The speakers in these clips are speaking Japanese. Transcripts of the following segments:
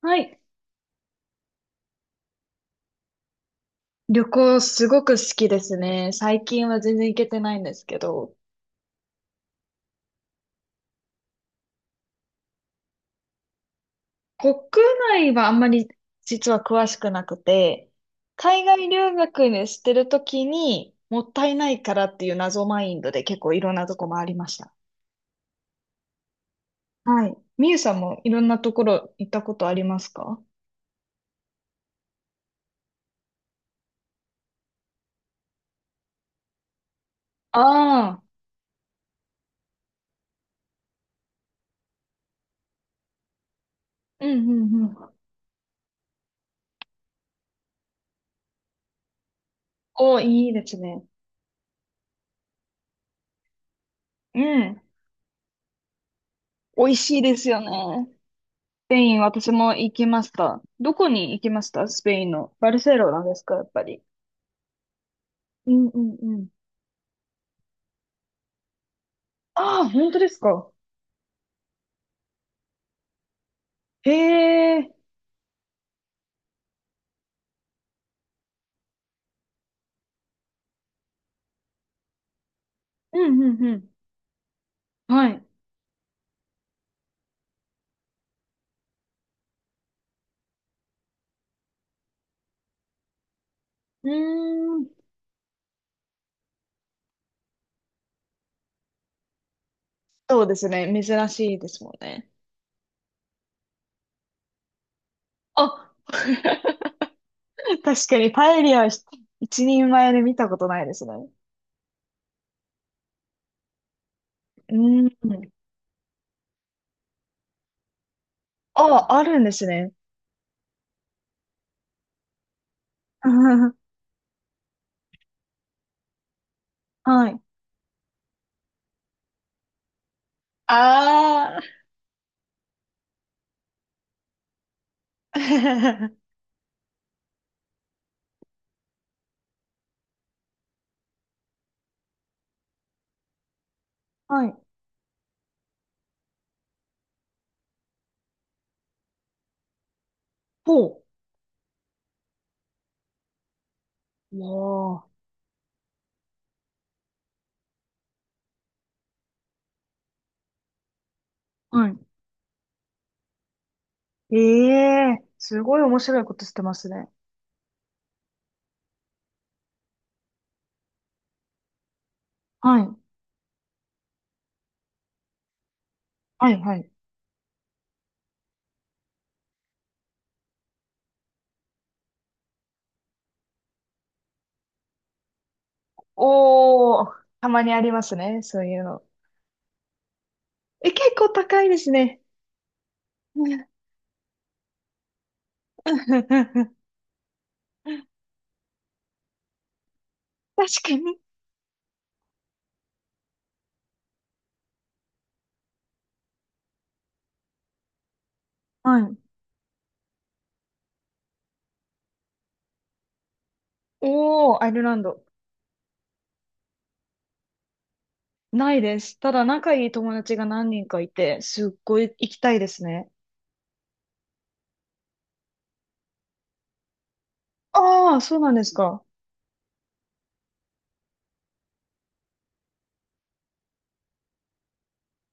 はい。旅行すごく好きですね。最近は全然行けてないんですけど、国内はあんまり実は詳しくなくて、海外留学にしてるときにもったいないからっていう謎マインドで結構いろんなとこ回りました。はい。みゆさんもいろんなところ行ったことありますか？ああー、うんうんうん。お、いいですね。うん。美味しいですよね。ペイン、私も行きました。どこに行きましたスペインの。バルセロナですか、やっぱり。うんうんうん。ああ、本当ですか。へえ。うんうんうん。はい。うーん。そうですね。珍しいですもんね。あ、確かにパエリアはひ一人前で見たことないですね。うーん。あ、あるんですね。はい。ああ。はい。ほうわあ。はい。ええすごい面白いことしてますね。はい。はい、はい。おー、たまにありますね、そういうの。え、結構高いですね。確かに。はい。おー、アイルランド。ないです。ただ仲いい友達が何人かいて、すっごい行きたいですね。ああ、そうなんですか。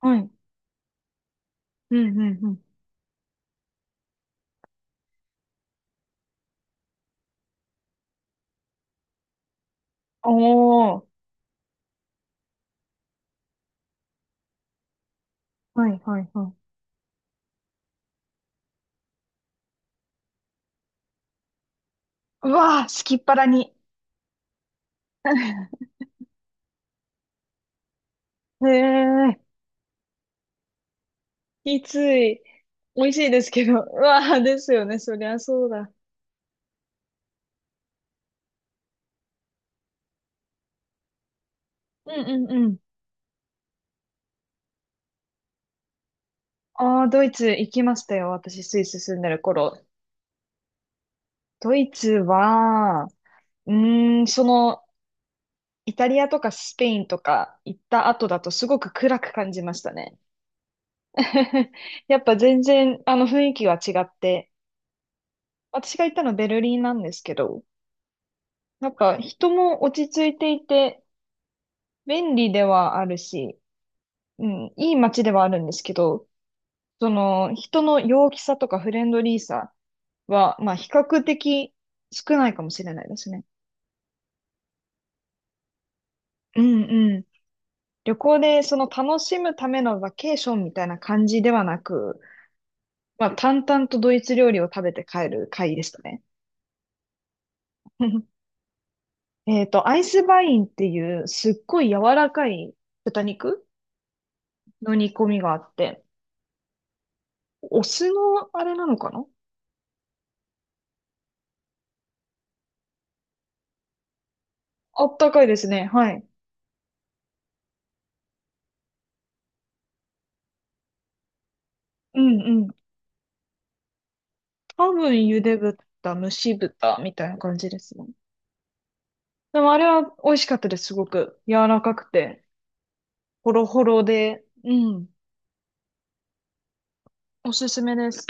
はい。うん、うん、うん。おー。はい、はい、はい。うわー、好きっ腹に。へえ。きつい。美味しいですけど。うわあ、ですよね。そりゃそうだ。うんうんうん。ああ、ドイツ行きましたよ。私、スイス住んでる頃。ドイツは、うーん、その、イタリアとかスペインとか行った後だとすごく暗く感じましたね。やっぱ全然、あの、雰囲気は違って。私が行ったのベルリンなんですけど、なんか人も落ち着いていて、便利ではあるし、うん、いい街ではあるんですけど、その人の陽気さとかフレンドリーさは、まあ比較的少ないかもしれないですね。うんうん。旅行でその楽しむためのバケーションみたいな感じではなく、まあ淡々とドイツ料理を食べて帰る会でしたね。えっと、アイスバインっていうすっごい柔らかい豚肉の煮込みがあって、お酢のあれなのかな。あったかいですね。はい。うんうん。多分茹で豚、蒸し豚みたいな感じですね。でもあれは美味しかったです、すごく。柔らかくて、ホロホロで、うん、おすすめです。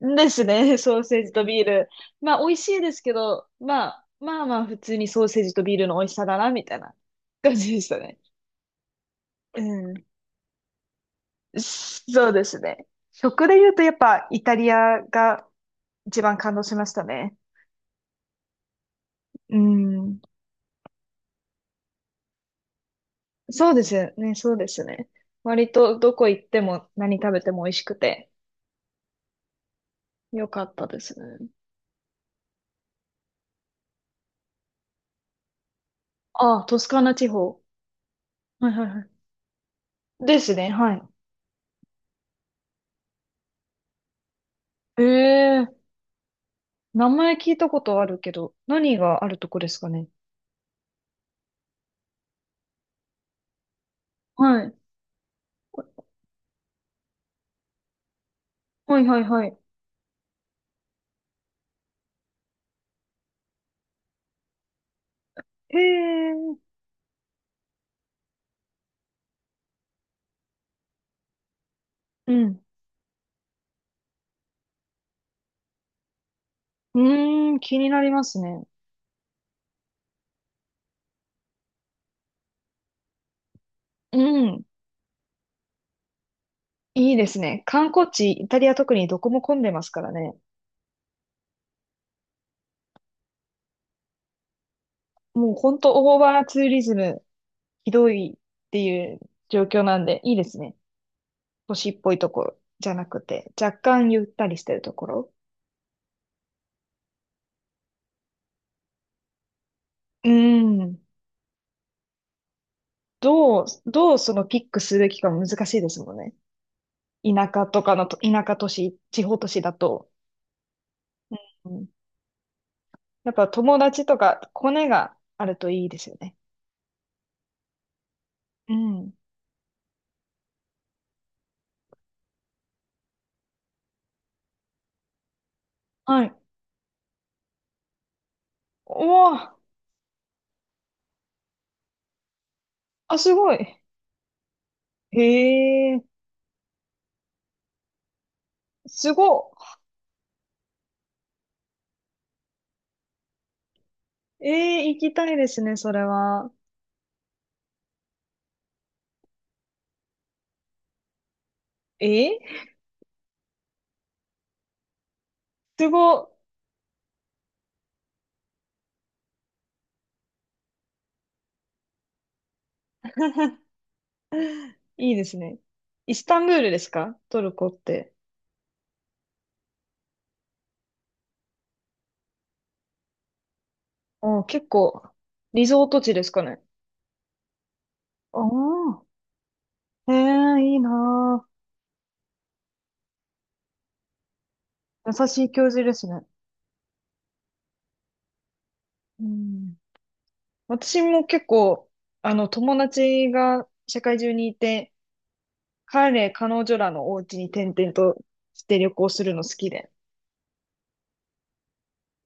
ですね、ソーセージとビール。まあ、美味しいですけど、まあ、まあまあ、普通にソーセージとビールの美味しさだな、みたいな感じでしたね。うん。そうですね。食で言うと、やっぱ、イタリアが一番感動しましたね。うん。そうですよね、そうですね。割と、どこ行っても何食べても美味しくて、よかったですね。ああ、トスカーナ地方。はいはいはい。ですね、はい。ええ、名前聞いたことあるけど、何があるとこですかね。はい。はいはいはい。へえ、うん。うーん、気になりますね。うん。いいですね。観光地、イタリア特にどこも混んでますからね。もうほんとオーバーツーリズム、ひどいっていう状況なんで、いいですね。都市っぽいところじゃなくて、若干ゆったりしてるところ。うん。どう、どうそのピックすべきかも難しいですもんね。田舎とかのと、田舎都市、地方都市だと。うん、やっぱ友達とかコネがあるといいですよね。うん。はい。おー、あ、すごい。へえ、すごい。ええ、行きたいですね、それは。ええ、すごい。いいですね。イスタンブールですかトルコって。おー、結構、リゾート地ですかね。おー、へえ、いいなー。優しい教授ですね。うん。私も結構、あの、友達が社会中にいて、彼、彼女らのお家に転々として旅行するの好きで。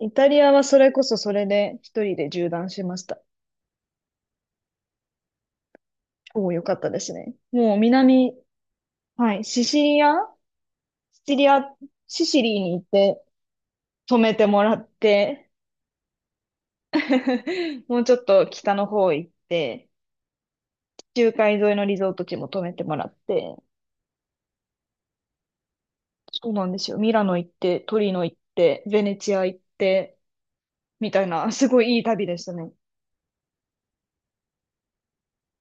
イタリアはそれこそそれで一人で縦断しました。おお、よかったですね。もう南、はい、シシリアシチリア、シシリーに行って泊めてもらって、もうちょっと北の方行って、地中海沿いのリゾート地も泊めてもらって、そうなんですよ。ミラノ行って、トリノ行って、ベネチア行って、みたいな、すごいいい旅でしたね。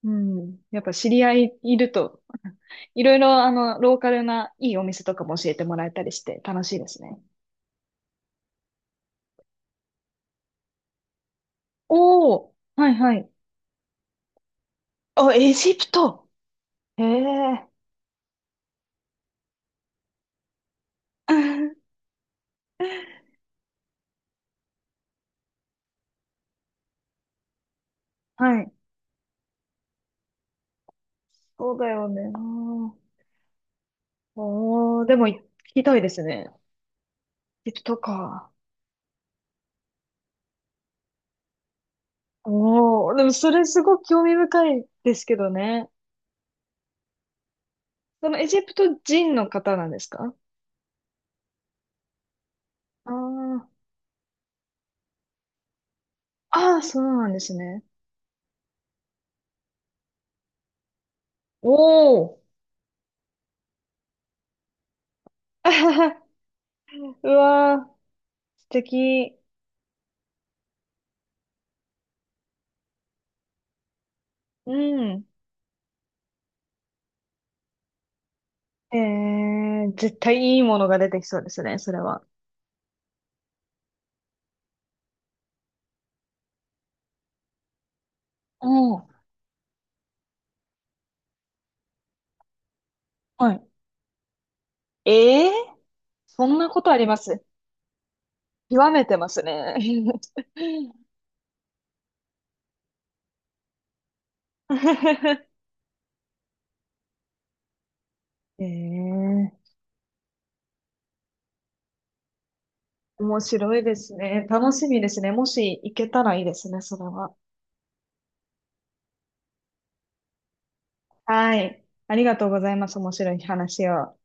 うん。やっぱ知り合いいると、いろいろあの、ローカルないいお店とかも教えてもらえたりして楽しいですね。おお、はいはい。あ、エジプト。へえ。はい。そうだよね。おお、でも聞きたいですね。エジプトか。おお、でもそれすごく興味深いですけどね。そのエジプト人の方なんですか？あーあー、そうなんですね。おお。あはは。うわー、素敵。うん。えー、絶対いいものが出てきそうですね、それは。おお。はい。えー、そんなことあります？極めてますね。ええ、面白いですね。楽しみですね。もし行けたらいいですね、それは。はい。ありがとうございます。面白い話を。